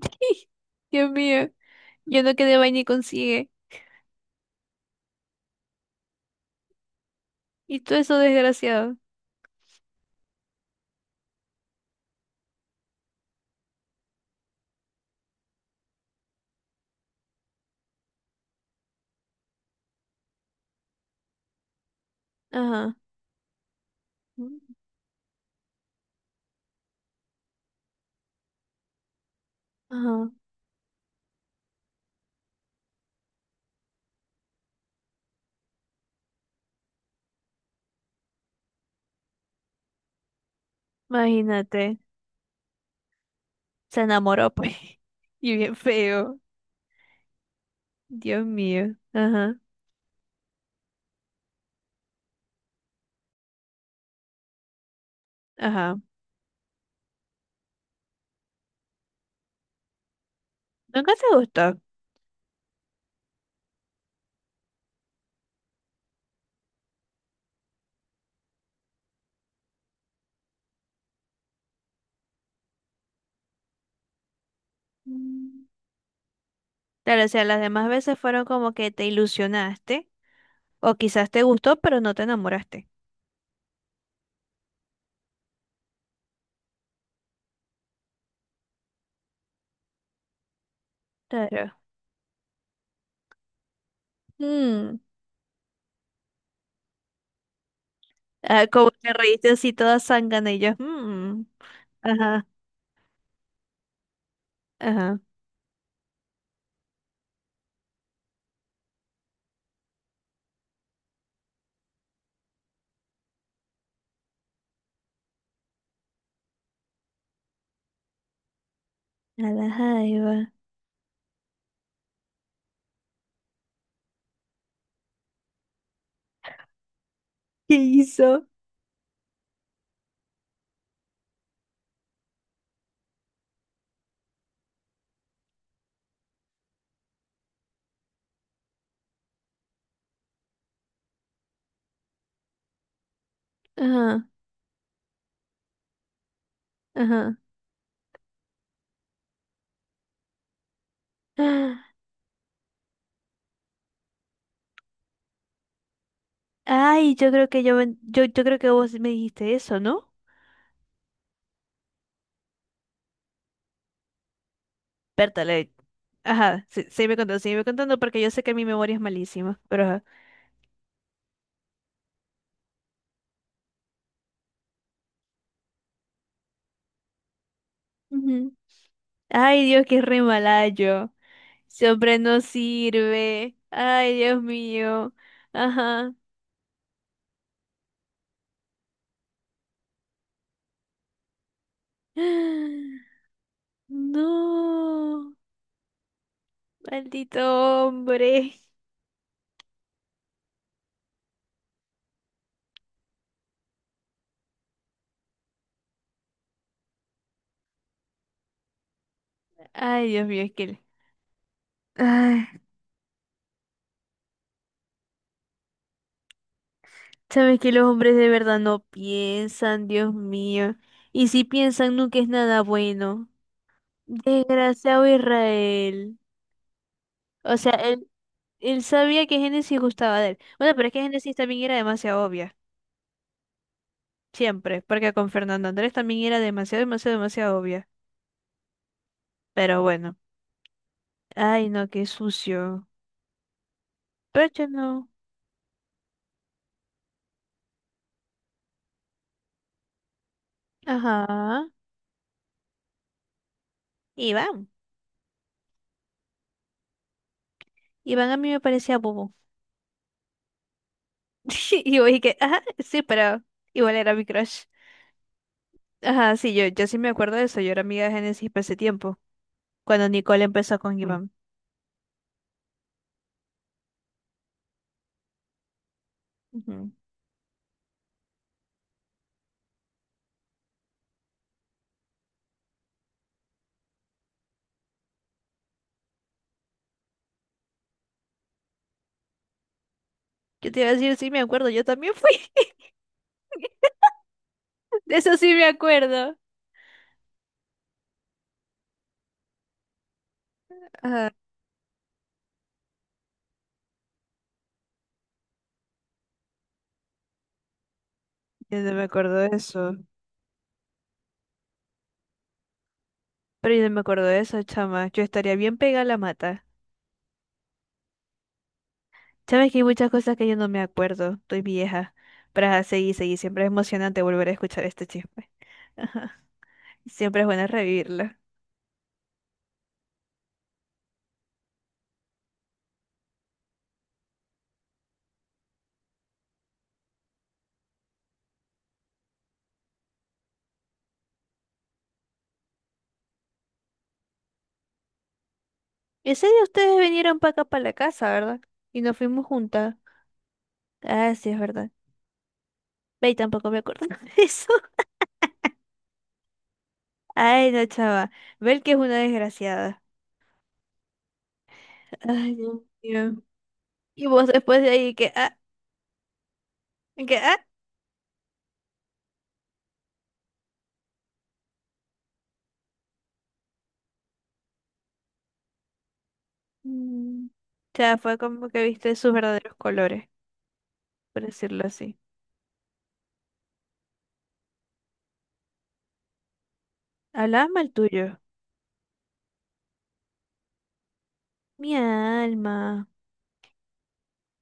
Dios mío, yo no quedé vaina y consigue. Y todo eso desgraciado. Ajá, ajá, imagínate. Se enamoró, pues. Y bien feo. Dios mío. Ajá, ajá. ¿Nunca te gustó? Mm. Claro, o sea, las demás veces fueron como que te ilusionaste. O quizás te gustó, pero no te enamoraste. Claro. Mm. Ah, como te reíste así toda zángana y yo. Mm. Ajá, ajá. A la jaiba. ¿Qué hizo? Ajá, ajá. Ah, ay, yo creo que yo creo que vos me dijiste eso, ¿no? Pértale. Ajá, sí, sígueme contando porque yo sé que mi memoria es malísima, pero ajá. Ujú. Ay, Dios, qué re mala yo. Ese hombre no sirve. Ay, Dios mío. Ajá. No, maldito hombre. Ay, Dios mío, es que... le- Ay, sabes que los hombres de verdad no piensan, Dios mío. Y si piensan, nunca es nada bueno. Desgraciado Israel. O sea, él sabía que Génesis gustaba de él. Bueno, pero es que Génesis también era demasiado obvia. Siempre. Porque con Fernando Andrés también era demasiado, demasiado, demasiado obvia. Pero bueno. Ay, no, qué sucio. Pero yo no. Ajá. Iván. Iván a mí me parecía bobo. Y yo dije, ajá, sí, pero igual era mi crush. Ajá, sí, yo sí me acuerdo de eso. Yo era amiga de Génesis para ese tiempo. Cuando Nicole empezó con Iván. Ujú. Yo te iba a decir, sí, me acuerdo, yo también fui. De eso sí me acuerdo. Ajá, yo no me acuerdo de eso. Pero yo no me acuerdo de eso, chama. Yo estaría bien pegada a la mata. Sabes que hay muchas cosas que yo no me acuerdo. Estoy vieja. Pero ajá, seguí, seguí. Siempre es emocionante volver a escuchar este chisme. Ajá. Siempre es bueno revivirlo. Ese día ustedes vinieron para acá, para la casa, ¿verdad? Y nos fuimos juntas. Ah, sí, es verdad. Ve, tampoco me acuerdo de eso. Ay, no, chava. Ver que es una desgraciada. Ay, Dios mío. Y vos después de ahí que, ah, que, ah. Mm. O sea, fue como que viste sus verdaderos colores, por decirlo así. Hablaba mal tuyo. Mi alma.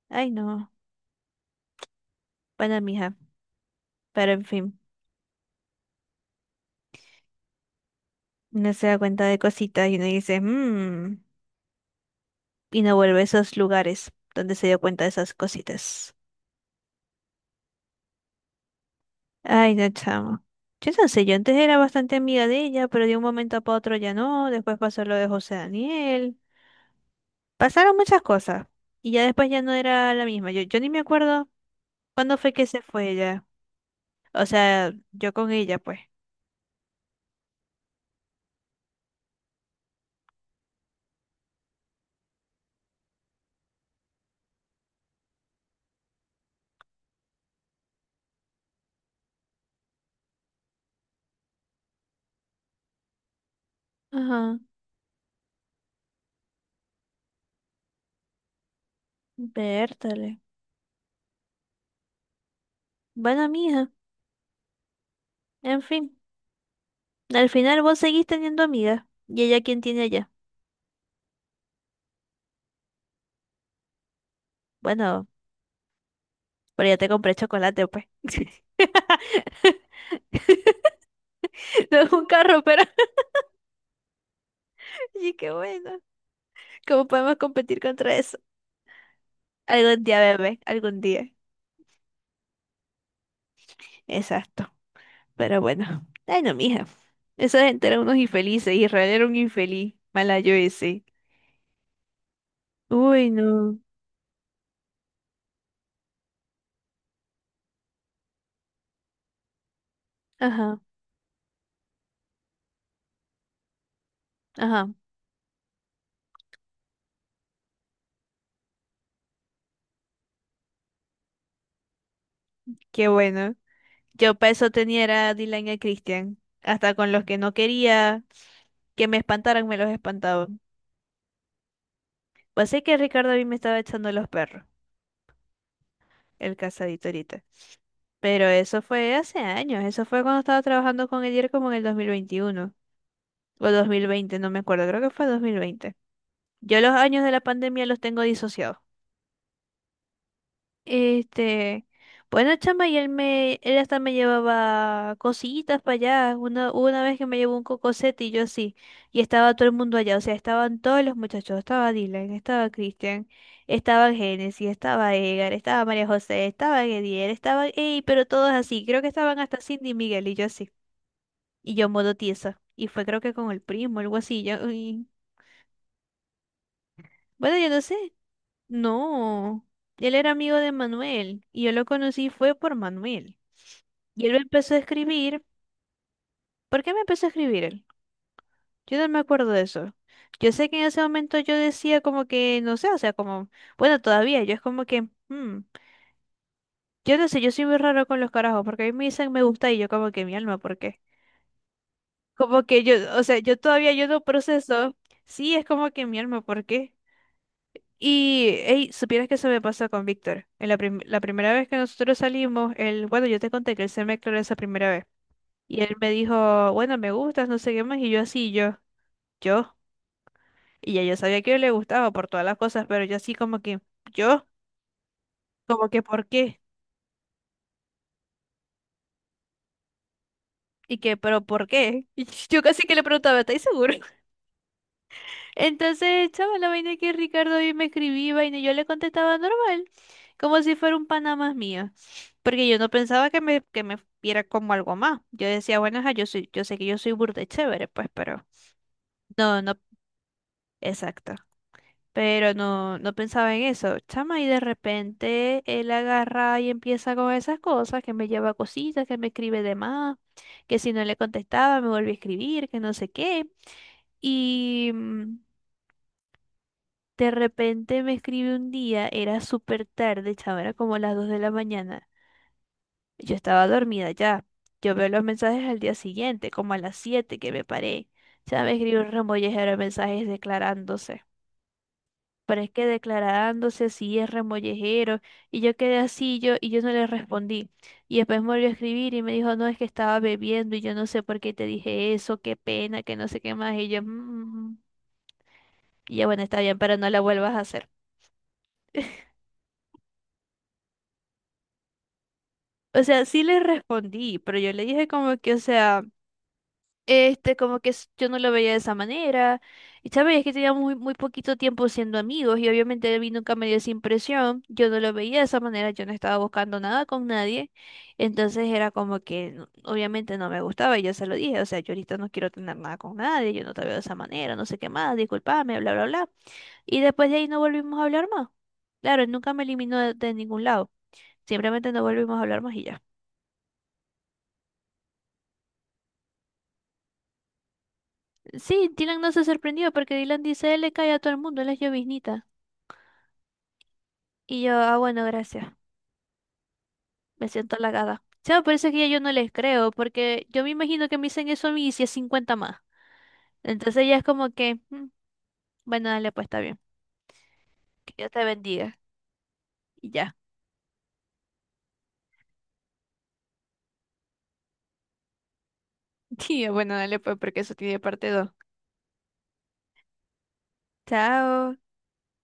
Ay, no. Bueno, mija. Pero en fin, no se da cuenta de cositas y uno dice, mmm. Y no vuelve a esos lugares donde se dio cuenta de esas cositas. Ay, no, chamo. Yo no sé, yo antes era bastante amiga de ella, pero de un momento para otro ya no. Después pasó lo de José Daniel. Pasaron muchas cosas. Y ya después ya no era la misma. Yo ni me acuerdo cuándo fue que se fue ella. O sea, yo con ella, pues. Ajá, vértale. Bueno, mija, en fin, al final vos seguís teniendo amigas. ¿Y ella quién tiene allá? Bueno, pero ya te compré chocolate, pues. No es un carro, pero sí, qué bueno. ¿Cómo podemos competir contra eso? Algún día, bebé, algún día. Exacto, pero bueno. Ay, no, mija. Esa gente era unos infelices. Israel era un infeliz. Mala yo ese. Uy, no. Ajá, ajá. Qué bueno. Yo para eso tenía era a Dylan y a Christian. Hasta con los que no quería que me espantaran, me los espantaban. Pues sé que Ricardo a mí me estaba echando los perros, el casadito ahorita. Pero eso fue hace años. Eso fue cuando estaba trabajando con Edier como en el 2021 o 2020, no me acuerdo. Creo que fue 2020. Yo los años de la pandemia los tengo disociados. Este, bueno, chama, y él hasta me llevaba cosillitas para allá. Una, hubo una vez que me llevó un cocosete y yo así, y estaba todo el mundo allá, o sea, estaban todos los muchachos, estaba Dylan, estaba Christian, estaba Genesis, estaba Edgar, estaba María José, estaba Gediel, estaba, ey, pero todos así, creo que estaban hasta Cindy y Miguel y yo así, y yo modo tiesa, y fue creo que con el primo, algo así, yo, y- bueno, yo no sé, no, él era amigo de Manuel, y yo lo conocí fue por Manuel. Y él me empezó a escribir. ¿Por qué me empezó a escribir él? Yo no me acuerdo de eso. Yo sé que en ese momento yo decía como que, no sé, o sea, como, bueno, todavía, yo es como que, hmm, yo no sé, yo soy muy raro con los carajos, porque a mí me dicen me gusta y yo como que mi alma, ¿por qué? Como que yo, o sea, yo todavía yo no proceso, sí, es como que mi alma, ¿por qué? Y, hey, supieras que eso me pasó con Víctor. En la, prim- la primera vez que nosotros salimos, él, bueno, yo te conté que él se me declaró esa primera vez. Y él me dijo, bueno, me gustas, no sé qué más, y yo así, yo. Y ya yo sabía que le gustaba por todas las cosas, pero yo así como que, yo, como que, ¿por qué? Y que, ¿pero por qué? Y yo casi que le preguntaba, ¿estáis seguro? Entonces, chaval, la vaina que Ricardo hoy me escribía, vaina, y yo le contestaba normal, como si fuera un pana más mío. Porque yo no pensaba que me viera como algo más. Yo decía, bueno, ajá, yo soy, yo sé que yo soy burda y chévere, pues, pero no, no, exacto. Pero no pensaba en eso, chama, y de repente él agarra y empieza con esas cosas, que me lleva cositas, que me escribe de más, que si no le contestaba me vuelve a escribir, que no sé qué. Y mm, de repente me escribe un día, era súper tarde, chama, era como las 2:00 de la mañana. Yo estaba dormida ya. Yo veo los mensajes al día siguiente, como a las 7:00 que me paré. Ya me escribió un remollejero de mensajes declarándose. Pero es que declarándose si es remollejero, y yo quedé así yo, y yo no le respondí. Y después me volvió a escribir y me dijo, no, es que estaba bebiendo y yo no sé por qué te dije eso, qué pena, que no sé qué más, y yo, "Mm". Y ya bueno, está bien, pero no la vuelvas a hacer. O sea, sí le respondí, pero yo le dije como que, o sea... Este, como que s- yo no lo veía de esa manera. Y sabes, es que teníamos muy, muy poquito tiempo siendo amigos y obviamente a mí nunca me dio esa impresión. Yo no lo veía de esa manera, yo no estaba buscando nada con nadie. Entonces era como que no- obviamente no me gustaba y yo se lo dije, o sea, yo ahorita no quiero tener nada con nadie, yo no te veo de esa manera, no sé qué más, discúlpame, bla, bla, bla. Y después de ahí no volvimos a hablar más. Claro, él nunca me eliminó de ningún lado. Simplemente no volvimos a hablar más y ya. Sí, Dylan no se sorprendió porque Dylan dice, él le cae a todo el mundo, él es lloviznita. Y yo, ah, bueno, gracias. Me siento halagada. O por eso es que yo no les creo, porque yo me imagino que me dicen eso a mí y si es 50 más. Entonces ya es como que, "Mm, bueno, dale, pues está bien. Que Dios te bendiga. Y ya. Y yo, bueno, dale, pues porque eso tiene parte dos. Chao.